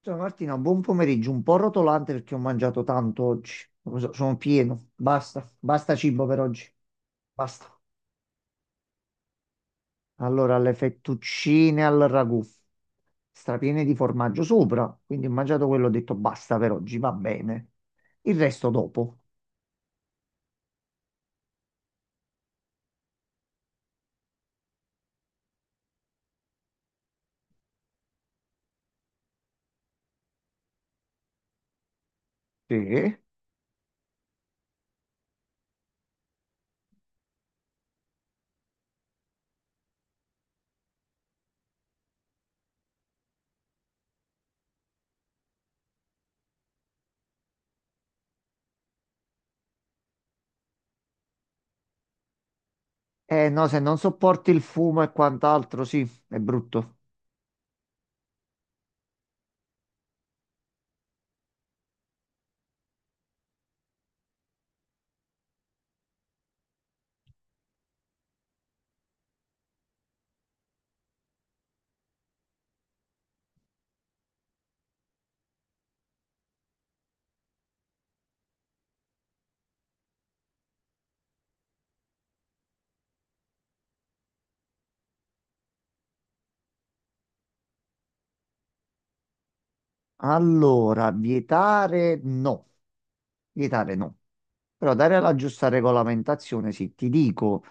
Ciao Martina, buon pomeriggio, un po' rotolante perché ho mangiato tanto oggi, sono pieno, basta, basta cibo per oggi, basta. Allora, le fettuccine al ragù, strapiene di formaggio sopra, quindi ho mangiato quello, ho detto basta per oggi, va bene. Il resto dopo. Sì. Eh no, se non sopporti il fumo e quant'altro, sì, è brutto. Allora, vietare no, vietare no. Però dare la giusta regolamentazione, sì, ti dico,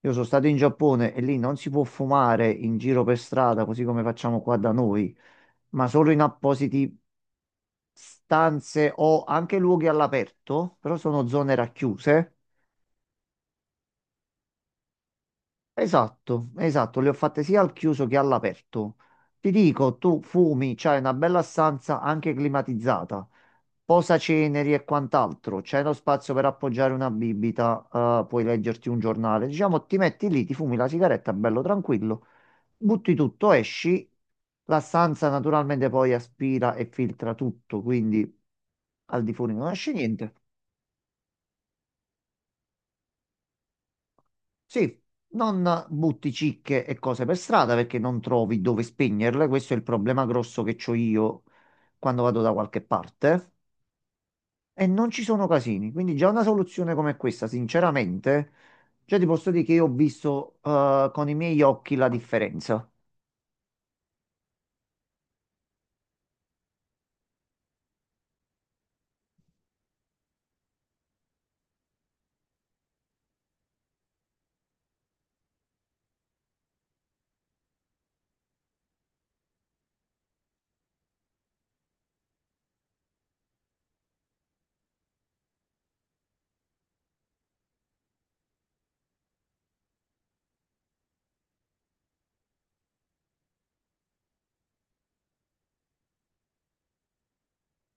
io sono stato in Giappone e lì non si può fumare in giro per strada, così come facciamo qua da noi, ma solo in appositi stanze o anche luoghi all'aperto, però sono zone racchiuse. Esatto, esatto, le ho fatte sia al chiuso che all'aperto. Ti dico, tu fumi, c'hai una bella stanza anche climatizzata, posaceneri e quant'altro, c'è lo spazio per appoggiare una bibita, puoi leggerti un giornale, diciamo, ti metti lì, ti fumi la sigaretta, bello tranquillo. Butti tutto, esci, la stanza naturalmente poi aspira e filtra tutto, quindi al di fuori non esce niente. Sì, non butti cicche e cose per strada perché non trovi dove spegnerle, questo è il problema grosso che ho io quando vado da qualche parte e non ci sono casini, quindi già una soluzione come questa, sinceramente, già ti posso dire che io ho visto con i miei occhi la differenza.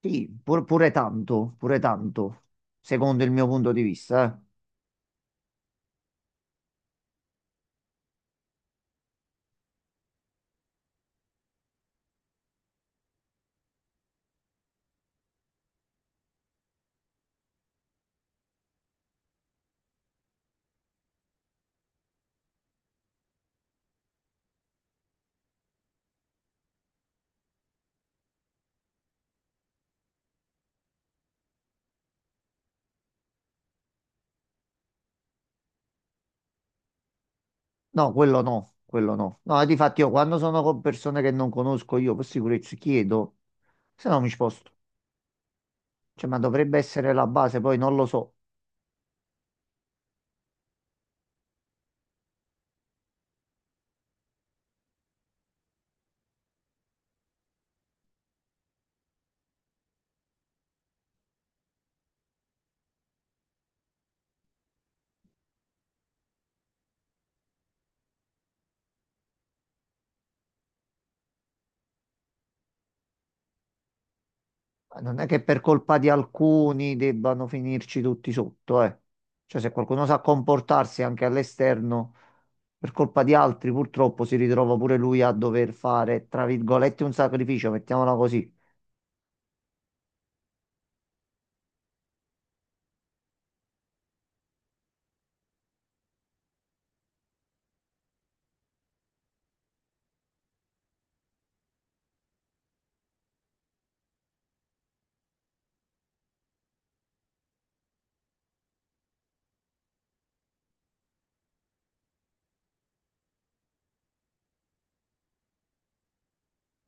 Sì, pure tanto, secondo il mio punto di vista, eh. No, quello no, quello no. No, difatti io quando sono con persone che non conosco io per sicurezza chiedo, se no mi sposto. Cioè, ma dovrebbe essere la base, poi non lo so. Ma non è che per colpa di alcuni debbano finirci tutti sotto, eh. Cioè, se qualcuno sa comportarsi anche all'esterno, per colpa di altri purtroppo si ritrova pure lui a dover fare, tra virgolette, un sacrificio, mettiamola così.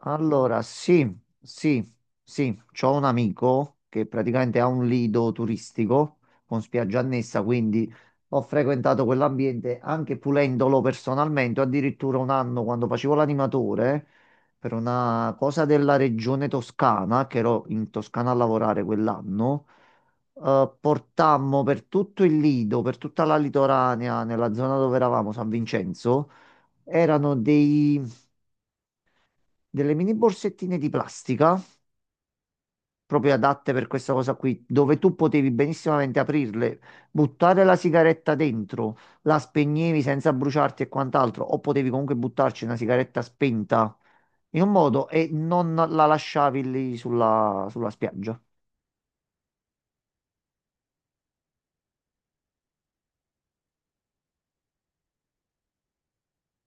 Allora, sì, sì, sì, c'ho un amico che praticamente ha un lido turistico con spiaggia annessa, quindi ho frequentato quell'ambiente anche pulendolo personalmente, addirittura un anno quando facevo l'animatore per una cosa della regione Toscana, che ero in Toscana a lavorare quell'anno, portammo per tutto il lido, per tutta la litoranea, nella zona dove eravamo, San Vincenzo, erano dei delle mini borsettine di plastica proprio adatte per questa cosa qui, dove tu potevi benissimamente aprirle, buttare la sigaretta dentro, la spegnevi senza bruciarti e quant'altro, o potevi comunque buttarci una sigaretta spenta in un modo e non la lasciavi lì sulla spiaggia.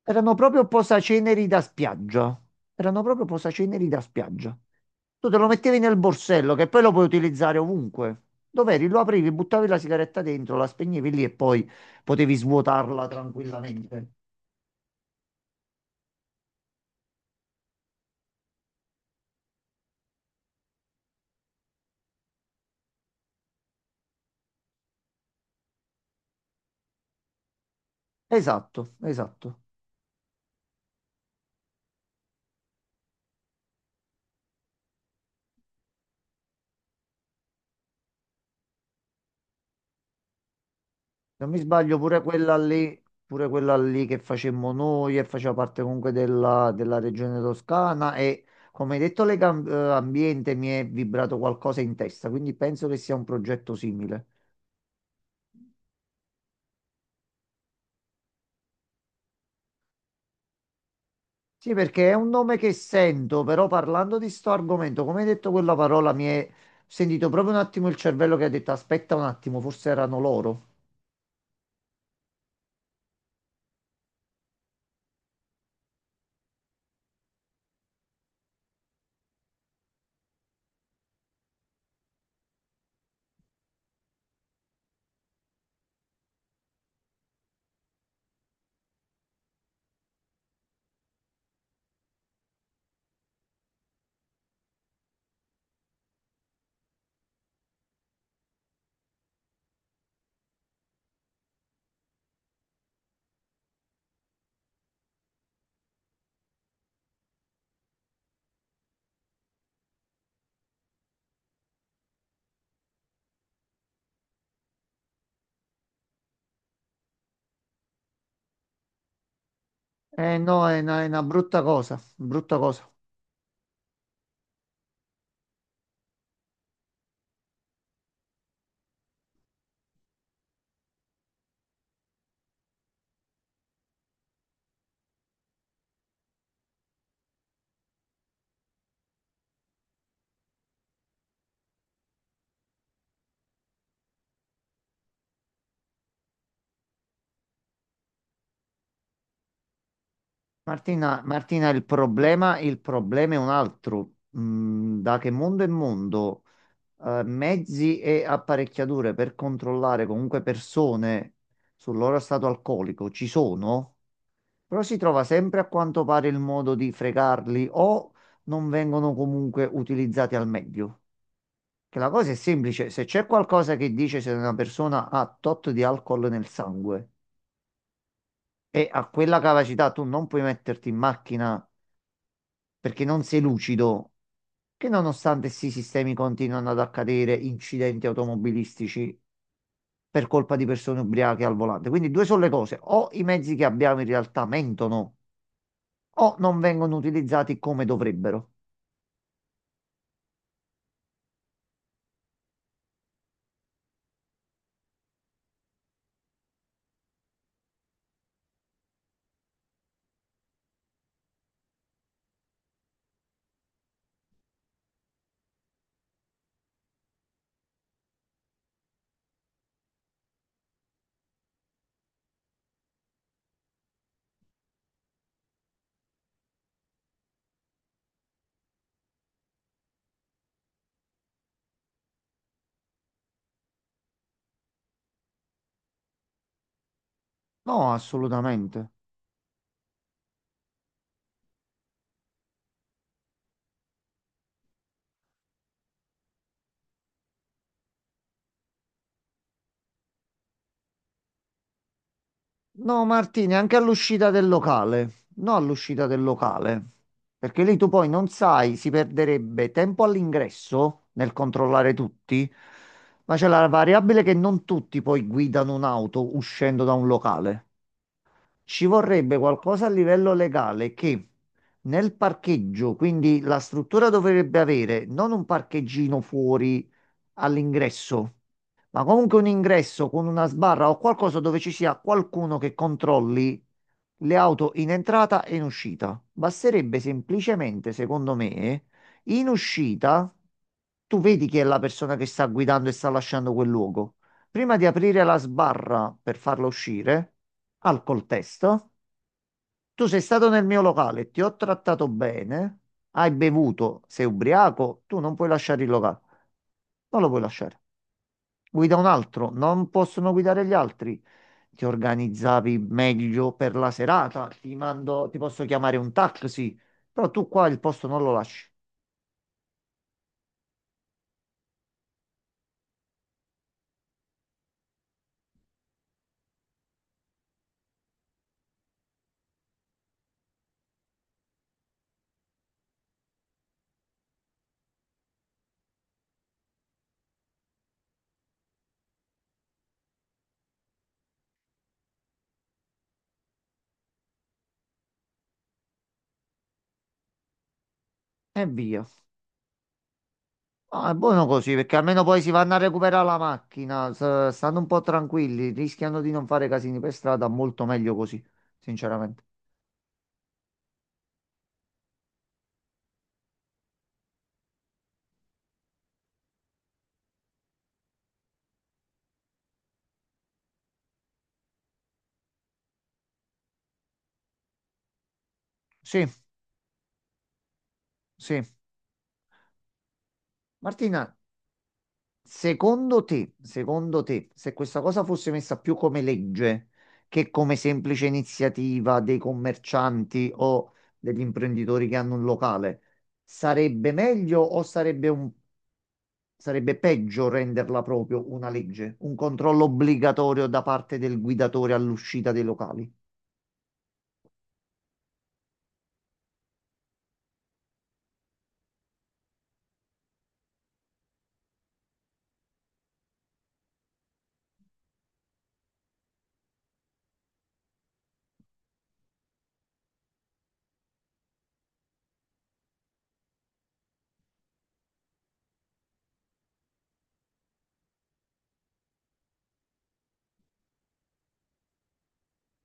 Erano proprio posaceneri da spiaggia. Erano proprio posaceneri da spiaggia. Tu te lo mettevi nel borsello che poi lo puoi utilizzare ovunque. Dov'eri? Lo aprivi, buttavi la sigaretta dentro, la spegnevi lì e poi potevi svuotarla tranquillamente. Esatto, esatto. Se non mi sbaglio, pure quella lì che facemmo noi e faceva parte comunque della regione toscana e come hai detto l'ambiente mi è vibrato qualcosa in testa, quindi penso che sia un progetto simile. Sì, perché è un nome che sento, però parlando di sto argomento, come hai detto quella parola, mi è sentito proprio un attimo il cervello che ha detto aspetta un attimo, forse erano loro. Eh no, è una brutta cosa, brutta cosa. Martina, Martina, il problema è un altro. Mm, da che mondo è mondo, mezzi e apparecchiature per controllare comunque persone sul loro stato alcolico ci sono, però si trova sempre a quanto pare il modo di fregarli o non vengono comunque utilizzati al meglio. Che la cosa è semplice, se c'è qualcosa che dice se una persona ha tot di alcol nel sangue e a quella capacità tu non puoi metterti in macchina perché non sei lucido, che nonostante sì, i sistemi continuano ad accadere incidenti automobilistici per colpa di persone ubriache al volante. Quindi due sono le cose, o i mezzi che abbiamo in realtà mentono, o non vengono utilizzati come dovrebbero. No, assolutamente. No, Martini, anche all'uscita del locale. No, all'uscita del locale. Perché lì tu poi non sai, si perderebbe tempo all'ingresso nel controllare tutti, ma c'è la variabile che non tutti poi guidano un'auto uscendo da un locale. Ci vorrebbe qualcosa a livello legale che nel parcheggio, quindi la struttura dovrebbe avere non un parcheggino fuori all'ingresso, ma comunque un ingresso con una sbarra o qualcosa dove ci sia qualcuno che controlli le auto in entrata e in uscita. Basterebbe semplicemente, secondo me, in uscita tu vedi chi è la persona che sta guidando e sta lasciando quel luogo. Prima di aprire la sbarra per farlo uscire, alcol test, tu sei stato nel mio locale, ti ho trattato bene, hai bevuto, sei ubriaco, tu non puoi lasciare il locale, non lo puoi lasciare. Guida un altro, non possono guidare gli altri. Ti organizzavi meglio per la serata, ti mando, ti posso chiamare un taxi, però tu qua il posto non lo lasci. E via. Ah, è buono così perché almeno poi si vanno a recuperare la macchina, stanno un po' tranquilli, rischiano di non fare casini per strada, molto meglio così, sinceramente. Sì, sì. Martina, secondo te, se questa cosa fosse messa più come legge che come semplice iniziativa dei commercianti o degli imprenditori che hanno un locale, sarebbe meglio o sarebbe un... Sarebbe peggio renderla proprio una legge, un controllo obbligatorio da parte del guidatore all'uscita dei locali.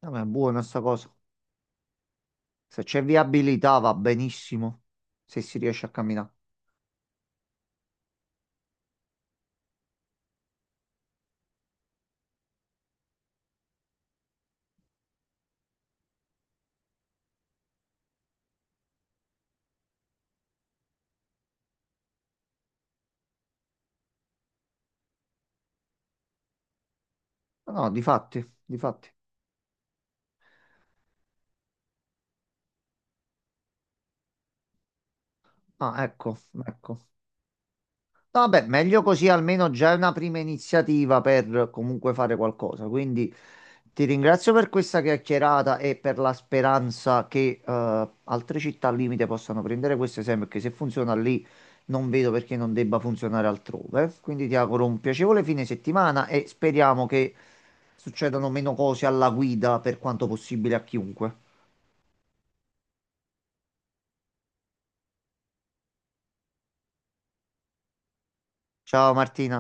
Ah, ma è buona sta cosa. Se c'è viabilità va benissimo, se si riesce a camminare. No, no, difatti, difatti. Ah, ecco, ecco. Vabbè, meglio così almeno già è una prima iniziativa per comunque fare qualcosa. Quindi ti ringrazio per questa chiacchierata e per la speranza che altre città al limite possano prendere questo esempio, perché se funziona lì non vedo perché non debba funzionare altrove. Quindi ti auguro un piacevole fine settimana e speriamo che succedano meno cose alla guida per quanto possibile a chiunque. Ciao Martina.